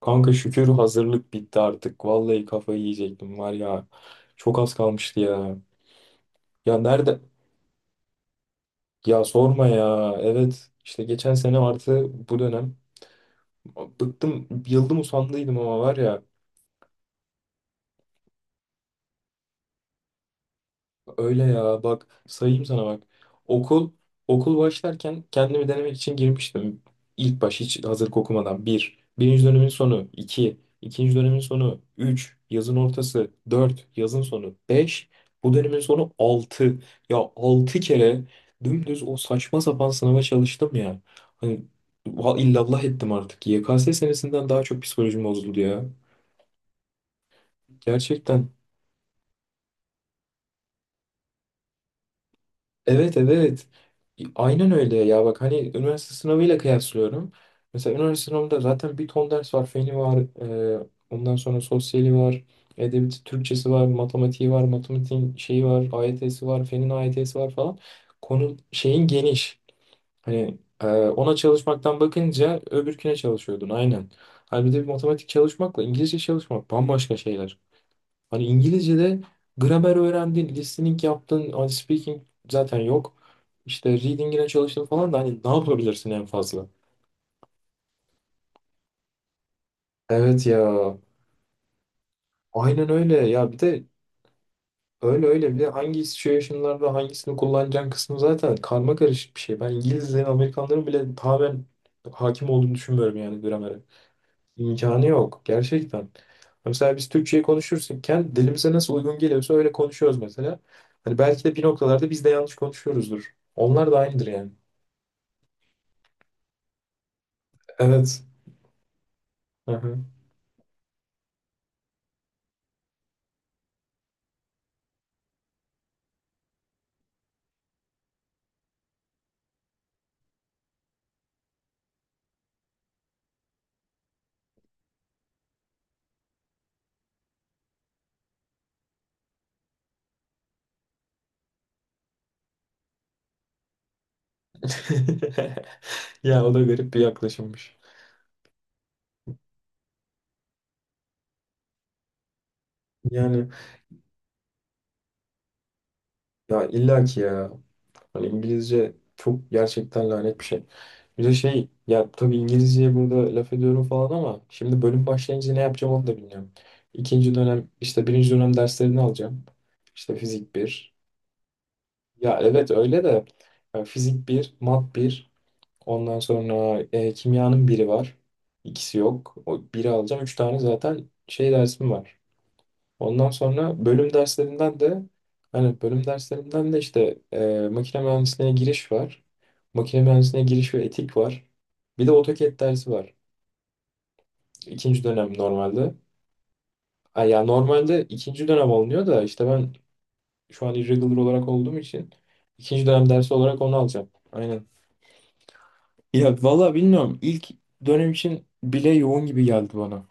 Kanka şükür hazırlık bitti artık. Vallahi kafayı yiyecektim var ya. Çok az kalmıştı ya. Ya nerede? Ya sorma ya. Evet işte geçen sene artı bu dönem. Bıktım, yıldım usandıydım ama var ya. Öyle ya bak sayayım sana bak. Okul okul başlarken kendimi denemek için girmiştim. İlk baş hiç hazırlık okumadan. Bir. Birinci dönemin sonu. İki. İkinci dönemin sonu. Üç. Yazın ortası. Dört. Yazın sonu. Beş. Bu dönemin sonu altı. Ya altı kere dümdüz o saçma sapan sınava çalıştım ya. Hani illallah ettim artık. YKS senesinden daha çok psikolojim bozuldu ya. Gerçekten. Evet evet. Aynen öyle ya bak hani üniversite sınavıyla kıyaslıyorum. Mesela üniversite sınavında zaten bir ton ders var. Feni var, ondan sonra sosyali var, edebiyatı, Türkçesi var, matematiği var, matematiğin şeyi var, AYT'si var, fenin AYT'si var falan. Konu şeyin geniş. Hani ona çalışmaktan bakınca öbürküne çalışıyordun aynen. Halbuki bir matematik çalışmakla İngilizce çalışmak bambaşka şeyler. Hani İngilizce'de gramer öğrendin, listening yaptın, hani speaking zaten yok. İşte reading'ine çalıştın falan da hani ne yapabilirsin en fazla? Evet ya. Aynen öyle. Ya bir de öyle öyle bir de hangi situation'larda hangisini kullanacağın kısmı zaten karma karışık bir şey. Ben İngilizlerin, Amerikanların bile tamamen hakim olduğunu düşünmüyorum yani gramere. İmkanı yok gerçekten. Mesela biz Türkçe'yi konuşurken dilimize nasıl uygun geliyorsa öyle konuşuyoruz mesela. Hani belki de bir noktalarda biz de yanlış konuşuyoruzdur. Onlar da aynıdır yani. Evet. Aha. Ya o da garip bir yaklaşımmış. Yani ya illa ki ya. Hani İngilizce çok gerçekten lanet bir şey. Bir de şey ya tabii İngilizceye burada laf ediyorum falan ama şimdi bölüm başlayınca ne yapacağım onu da bilmiyorum. İkinci dönem işte birinci dönem derslerini alacağım. İşte fizik bir. Ya evet öyle de ya fizik bir, mat bir, ondan sonra kimyanın biri var. İkisi yok. O biri alacağım. Üç tane zaten şey dersim var. Ondan sonra bölüm derslerinden de işte makine mühendisliğine giriş var. Makine mühendisliğine giriş ve etik var. Bir de AutoCAD dersi var. İkinci dönem normalde. Ay ya normalde ikinci dönem alınıyor da işte ben şu an irregular olarak olduğum için ikinci dönem dersi olarak onu alacağım. Aynen. Ya valla bilmiyorum. İlk dönem için bile yoğun gibi geldi bana.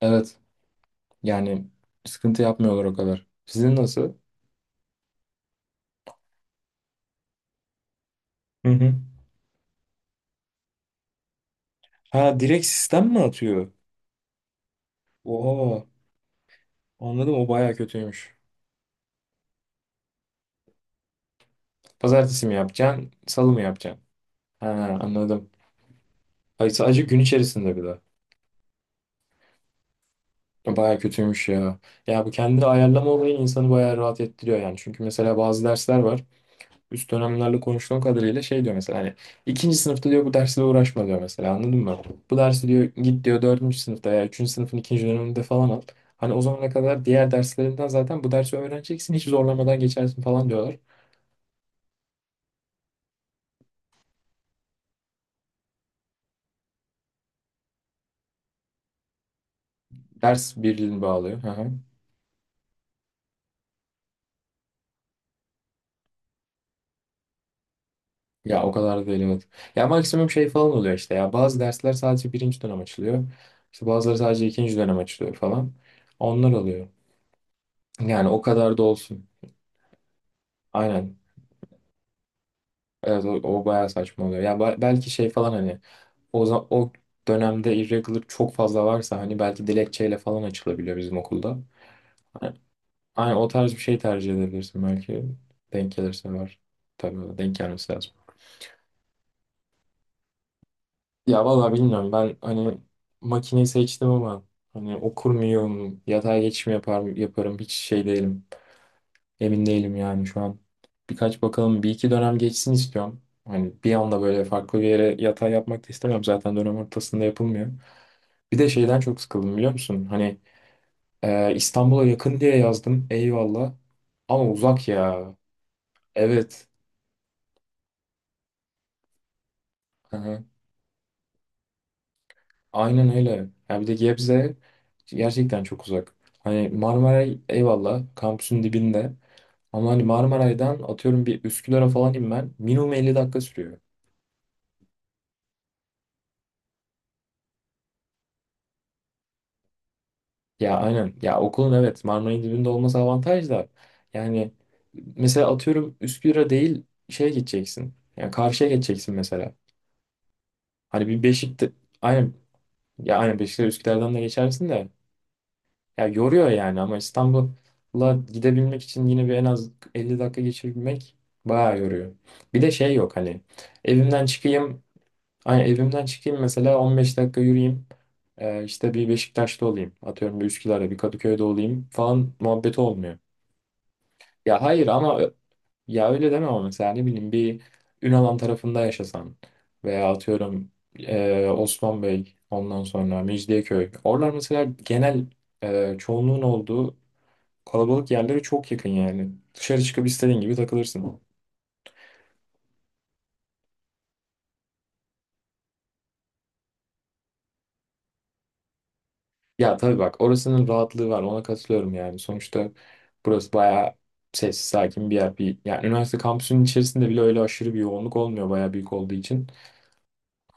Evet. Yani sıkıntı yapmıyorlar o kadar. Sizin nasıl? Hı hı. Ha direkt sistem mi atıyor? Oha. Anladım o baya kötüymüş. Pazartesi mi yapacaksın? Salı mı yapacaksın? Ha anladım. Ay sadece gün içerisinde bir de. Baya kötüymüş ya. Ya bu kendini ayarlama olayı insanı baya rahat ettiriyor yani. Çünkü mesela bazı dersler var. Üst dönemlerle konuştuğum kadarıyla şey diyor mesela hani ikinci sınıfta diyor bu dersle uğraşma diyor mesela anladın mı? Bu dersi diyor git diyor dördüncü sınıfta ya üçüncü sınıfın ikinci döneminde falan al. Hani o zamana kadar diğer derslerinden zaten bu dersi öğreneceksin hiç zorlamadan geçersin falan diyorlar. Ders birliğini bağlıyor. Hı hı. Ya o kadar da değil evet. Ya maksimum şey falan oluyor işte ya bazı dersler sadece birinci dönem açılıyor. İşte bazıları sadece ikinci dönem açılıyor falan. Onlar oluyor. Yani o kadar da olsun. Aynen. Evet o, o bayağı saçma oluyor. Ya belki şey falan hani o dönemde irregular çok fazla varsa hani belki dilekçeyle falan açılabiliyor bizim okulda. Hani, hani o tarz bir şey tercih edebilirsin belki. Denk gelirse var. Tabii denk gelmesi lazım. Ya vallahi bilmiyorum ben hani makineyi seçtim ama hani okur muyum, yatay geçiş mi yapar, yaparım hiç şey değilim. Emin değilim yani şu an. Birkaç bakalım bir iki dönem geçsin istiyorum. Hani bir anda böyle farklı bir yere yatay yapmak da istemem zaten dönem ortasında yapılmıyor. Bir de şeyden çok sıkıldım biliyor musun? Hani İstanbul'a yakın diye yazdım. Eyvallah. Ama uzak ya. Evet. Hı hı. Aynen öyle. Ya bir de Gebze gerçekten çok uzak. Hani Marmaray eyvallah kampüsün dibinde. Ama hani Marmaray'dan atıyorum bir Üsküdar'a falan inmen minimum 50 dakika sürüyor. Ya aynen. Ya okulun evet Marmaray'ın dibinde olması avantaj da. Yani mesela atıyorum Üsküdar'a değil şeye gideceksin. Yani karşıya geçeceksin mesela. Hani bir Beşik'te aynen ya aynen Beşiktaş Üsküdar'dan da geçersin de. Ya yoruyor yani ama İstanbul'a gidebilmek için yine bir en az 50 dakika geçirmek bayağı yoruyor. Bir de şey yok evimden çıkayım, hani evimden çıkayım mesela 15 dakika yürüyeyim. İşte bir Beşiktaş'ta olayım. Atıyorum bir Üsküdar'da bir Kadıköy'de olayım falan muhabbeti olmuyor. Ya hayır ama ya öyle deme ama mesela ne bileyim bir Ünalan tarafında yaşasan veya atıyorum Osman Bey ondan sonra Mecidiyeköy. Oralar mesela genel çoğunluğun olduğu kalabalık yerlere çok yakın yani. Dışarı çıkıp istediğin gibi takılırsın. Ya tabii bak orasının rahatlığı var ona katılıyorum yani. Sonuçta burası bayağı sessiz sakin bir yer. Bir, yani üniversite kampüsünün içerisinde bile öyle aşırı bir yoğunluk olmuyor bayağı büyük olduğu için.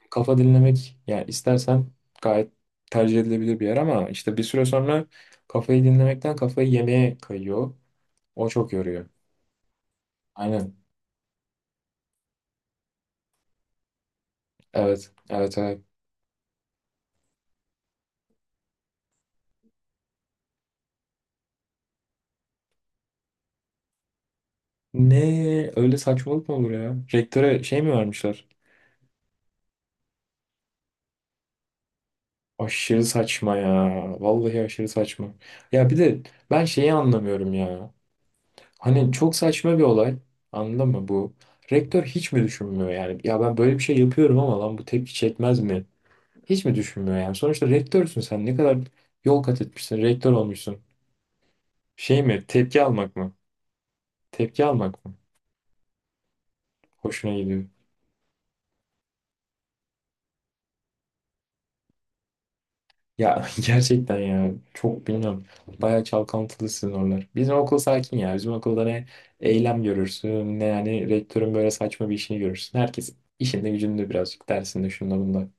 Kafa dinlemek yani istersen gayet tercih edilebilir bir yer ama işte bir süre sonra kafayı dinlemekten kafayı yemeye kayıyor. O çok yoruyor. Aynen. Evet. Evet evet. Ne öyle saçmalık mı olur ya? Rektöre şey mi vermişler? Aşırı saçma ya. Vallahi aşırı saçma. Ya bir de ben şeyi anlamıyorum ya. Hani çok saçma bir olay. Anladın mı bu? Rektör hiç mi düşünmüyor yani? Ya ben böyle bir şey yapıyorum ama lan bu tepki çekmez mi? Hiç mi düşünmüyor yani? Sonuçta rektörsün sen. Ne kadar yol kat etmişsin. Rektör olmuşsun. Şey mi? Tepki almak mı? Tepki almak mı? Hoşuna gidiyor. Ya gerçekten ya çok bilmiyorum. Bayağı çalkantılı sizin oralar. Bizim okul sakin ya. Bizim okulda ne eylem görürsün ne yani rektörün böyle saçma bir işini görürsün. Herkes işinde gücünde birazcık dersinde şunda bunda.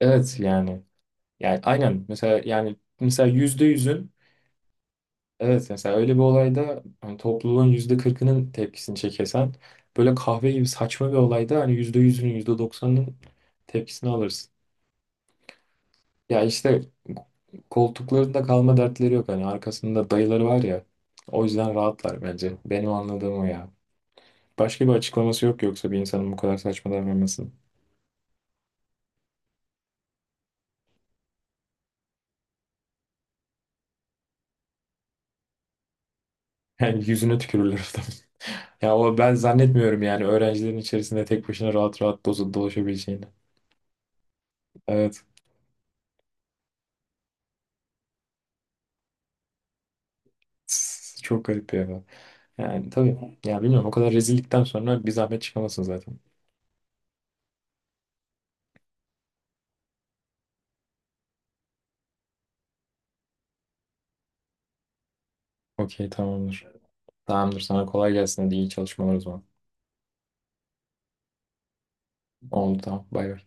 Evet yani. Yani aynen mesela yani mesela %100'ün evet mesela öyle bir olayda hani topluluğun %40'ının tepkisini çekesen böyle kahve gibi saçma bir olayda hani %100'ünün yüzde doksanının tepkisini alırsın. Ya işte koltuklarında kalma dertleri yok. Hani arkasında dayıları var ya. O yüzden rahatlar bence. Benim anladığım o ya. Başka bir açıklaması yok yoksa bir insanın bu kadar saçma davranmasının. Yani yüzüne tükürürler adam. Ya o ben zannetmiyorum yani öğrencilerin içerisinde tek başına rahat rahat dolaşabileceğini. Evet. Tss, çok garip ya. Yani tabii. Ya bilmiyorum o kadar rezillikten sonra bir zahmet çıkamasın zaten. Okey tamamdır. Tamamdır sana kolay gelsin hadi iyi çalışmalar o zaman. Oldu tamam bay bay.